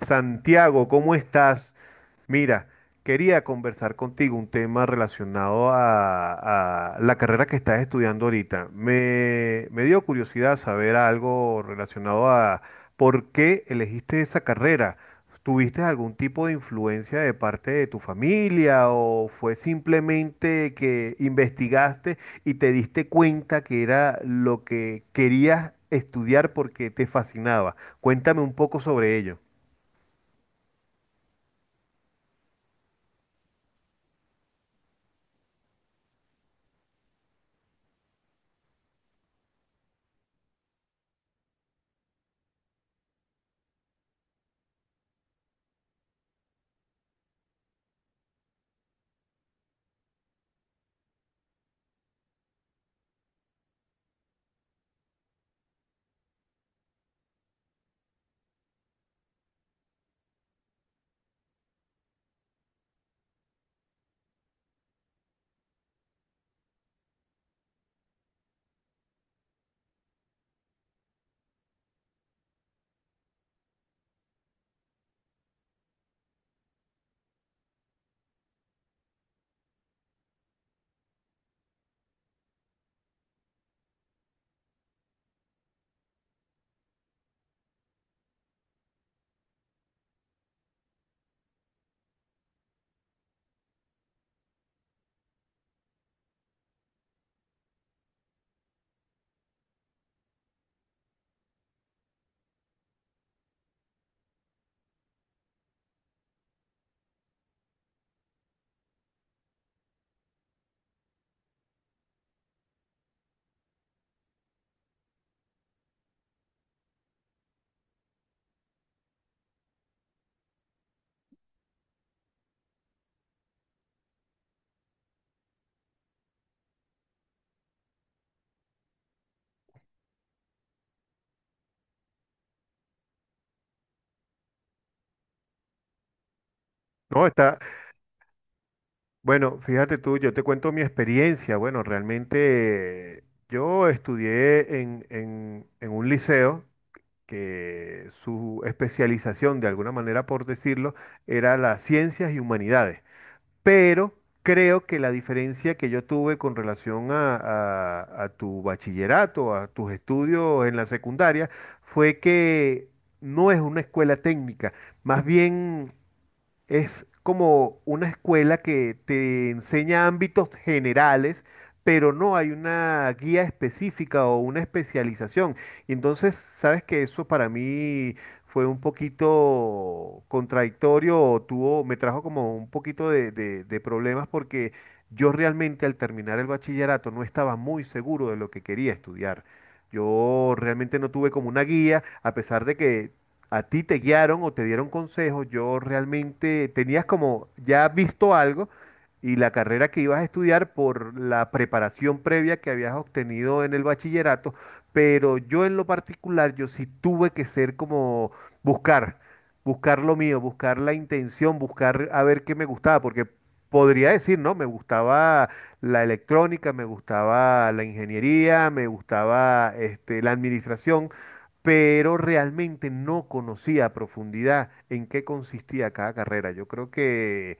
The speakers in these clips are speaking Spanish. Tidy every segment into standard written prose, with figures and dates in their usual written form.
Santiago, ¿cómo estás? Mira, quería conversar contigo un tema relacionado a la carrera que estás estudiando ahorita. Me dio curiosidad saber algo relacionado a por qué elegiste esa carrera. ¿Tuviste algún tipo de influencia de parte de tu familia o fue simplemente que investigaste y te diste cuenta que era lo que querías estudiar porque te fascinaba? Cuéntame un poco sobre ello. No, está, bueno, fíjate tú, yo te cuento mi experiencia. Bueno, realmente yo estudié en un liceo que su especialización, de alguna manera por decirlo, era las ciencias y humanidades. Pero creo que la diferencia que yo tuve con relación a, a tu bachillerato, a tus estudios en la secundaria, fue que no es una escuela técnica, más bien es como una escuela que te enseña ámbitos generales, pero no hay una guía específica o una especialización. Y entonces, sabes que eso para mí fue un poquito contradictorio o tuvo, me trajo como un poquito de, de problemas porque yo realmente al terminar el bachillerato no estaba muy seguro de lo que quería estudiar. Yo realmente no tuve como una guía, a pesar de que a ti te guiaron o te dieron consejos, yo realmente tenías como ya visto algo y la carrera que ibas a estudiar por la preparación previa que habías obtenido en el bachillerato, pero yo en lo particular, yo sí tuve que ser como buscar, buscar lo mío, buscar la intención, buscar a ver qué me gustaba, porque podría decir, ¿no? Me gustaba la electrónica, me gustaba la ingeniería, me gustaba este, la administración pero realmente no conocía a profundidad en qué consistía cada carrera. Yo creo que,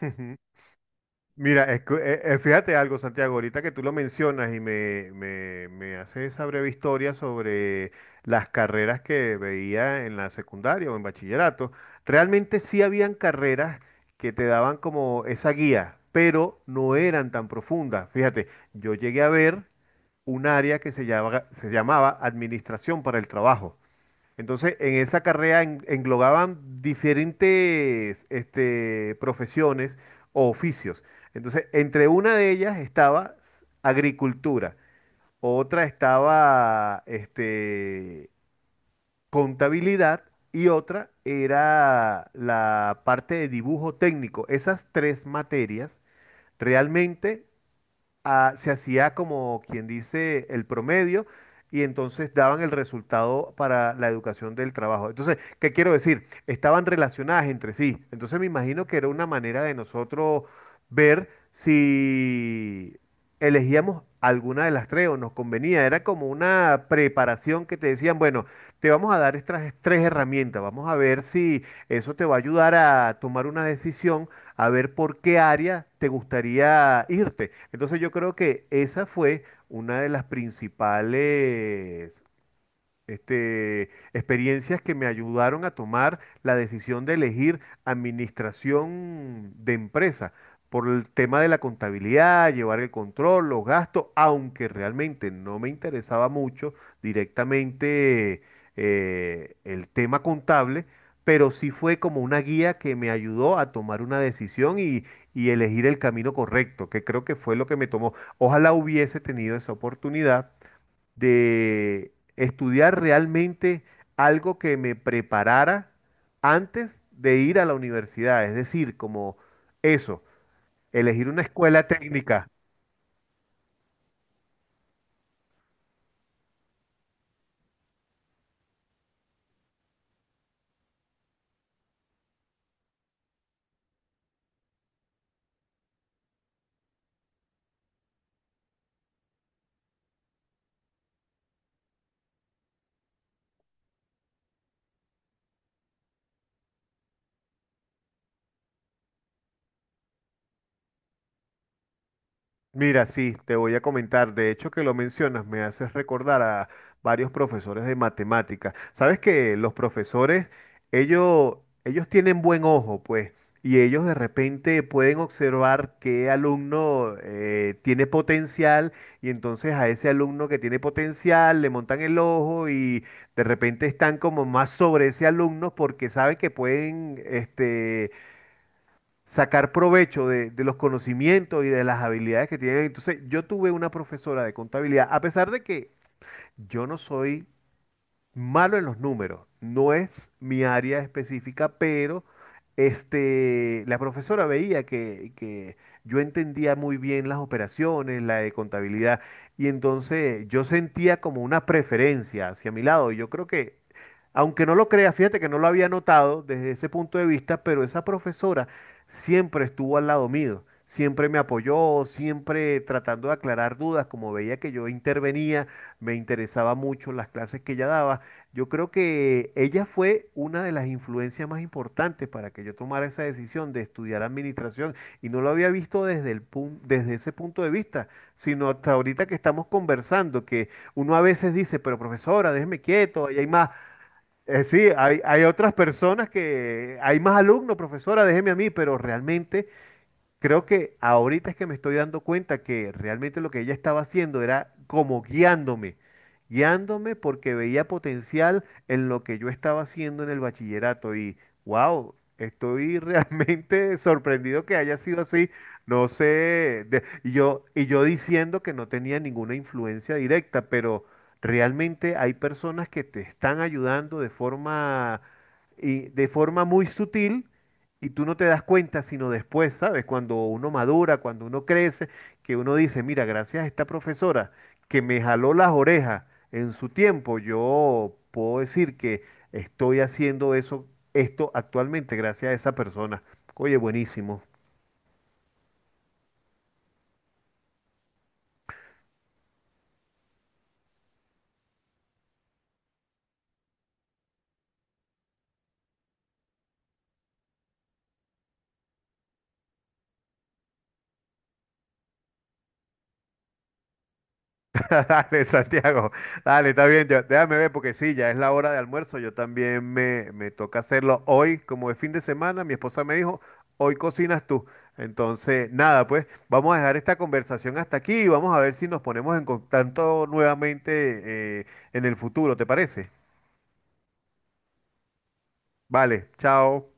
mira, es que, fíjate algo, Santiago, ahorita que tú lo mencionas y me haces esa breve historia sobre las carreras que veía en la secundaria o en bachillerato, realmente sí habían carreras que te daban como esa guía, pero no eran tan profundas. Fíjate, yo llegué a ver un área que se llama- se llamaba Administración para el Trabajo. Entonces, en esa carrera en- englobaban diferentes este, profesiones o oficios. Entonces, entre una de ellas estaba s- agricultura, otra estaba este, contabilidad y otra era la parte de dibujo técnico. Esas tres materias realmente ah, se hacía como quien dice el promedio y entonces daban el resultado para la educación del trabajo. Entonces, ¿qué quiero decir? Estaban relacionadas entre sí. Entonces me imagino que era una manera de nosotros ver si elegíamos alguna de las tres o nos convenía. Era como una preparación que te decían, bueno, te vamos a dar estas tres herramientas, vamos a ver si eso te va a ayudar a tomar una decisión a ver por qué área te gustaría irte. Entonces yo creo que esa fue una de las principales este, experiencias que me ayudaron a tomar la decisión de elegir administración de empresa por el tema de la contabilidad, llevar el control, los gastos, aunque realmente no me interesaba mucho directamente el tema contable, pero sí fue como una guía que me ayudó a tomar una decisión y elegir el camino correcto, que creo que fue lo que me tomó. Ojalá hubiese tenido esa oportunidad de estudiar realmente algo que me preparara antes de ir a la universidad. Es decir, como eso, elegir una escuela técnica. Mira, sí, te voy a comentar. De hecho, que lo mencionas, me haces recordar a varios profesores de matemáticas. Sabes que los profesores, ellos, ellos tienen buen ojo, pues, y ellos de repente pueden observar qué alumno tiene potencial, y entonces a ese alumno que tiene potencial le montan el ojo y de repente están como más sobre ese alumno porque saben que pueden, este sacar provecho de los conocimientos y de las habilidades que tienen. Entonces, yo tuve una profesora de contabilidad, a pesar de que yo no soy malo en los números. No es mi área específica, pero este, la profesora veía que yo entendía muy bien las operaciones, la de contabilidad, y entonces yo sentía como una preferencia hacia mi lado. Y yo creo que, aunque no lo crea, fíjate que no lo había notado desde ese punto de vista, pero esa profesora siempre estuvo al lado mío. Siempre me apoyó, siempre tratando de aclarar dudas, como veía que yo intervenía, me interesaba mucho las clases que ella daba. Yo creo que ella fue una de las influencias más importantes para que yo tomara esa decisión de estudiar administración y no lo había visto desde el pun- desde ese punto de vista, sino hasta ahorita que estamos conversando, que uno a veces dice, pero profesora, déjeme quieto, ahí hay más. Sí, hay otras personas que hay más alumnos, profesora, déjeme a mí, pero realmente creo que ahorita es que me estoy dando cuenta que realmente lo que ella estaba haciendo era como guiándome, guiándome porque veía potencial en lo que yo estaba haciendo en el bachillerato y wow, estoy realmente sorprendido que haya sido así. No sé, de- y yo diciendo que no tenía ninguna influencia directa, pero realmente hay personas que te están ayudando de forma y de forma muy sutil y tú no te das cuenta, sino después, ¿sabes? Cuando uno madura, cuando uno crece, que uno dice, mira, gracias a esta profesora que me jaló las orejas en su tiempo, yo puedo decir que estoy haciendo eso, esto actualmente gracias a esa persona. Oye, buenísimo. Dale, Santiago, dale, está bien, yo- déjame ver porque sí, ya es la hora de almuerzo, yo también me toca hacerlo hoy, como es fin de semana, mi esposa me dijo, hoy cocinas tú. Entonces, nada, pues vamos a dejar esta conversación hasta aquí y vamos a ver si nos ponemos en contacto nuevamente en el futuro, ¿te parece? Vale, chao.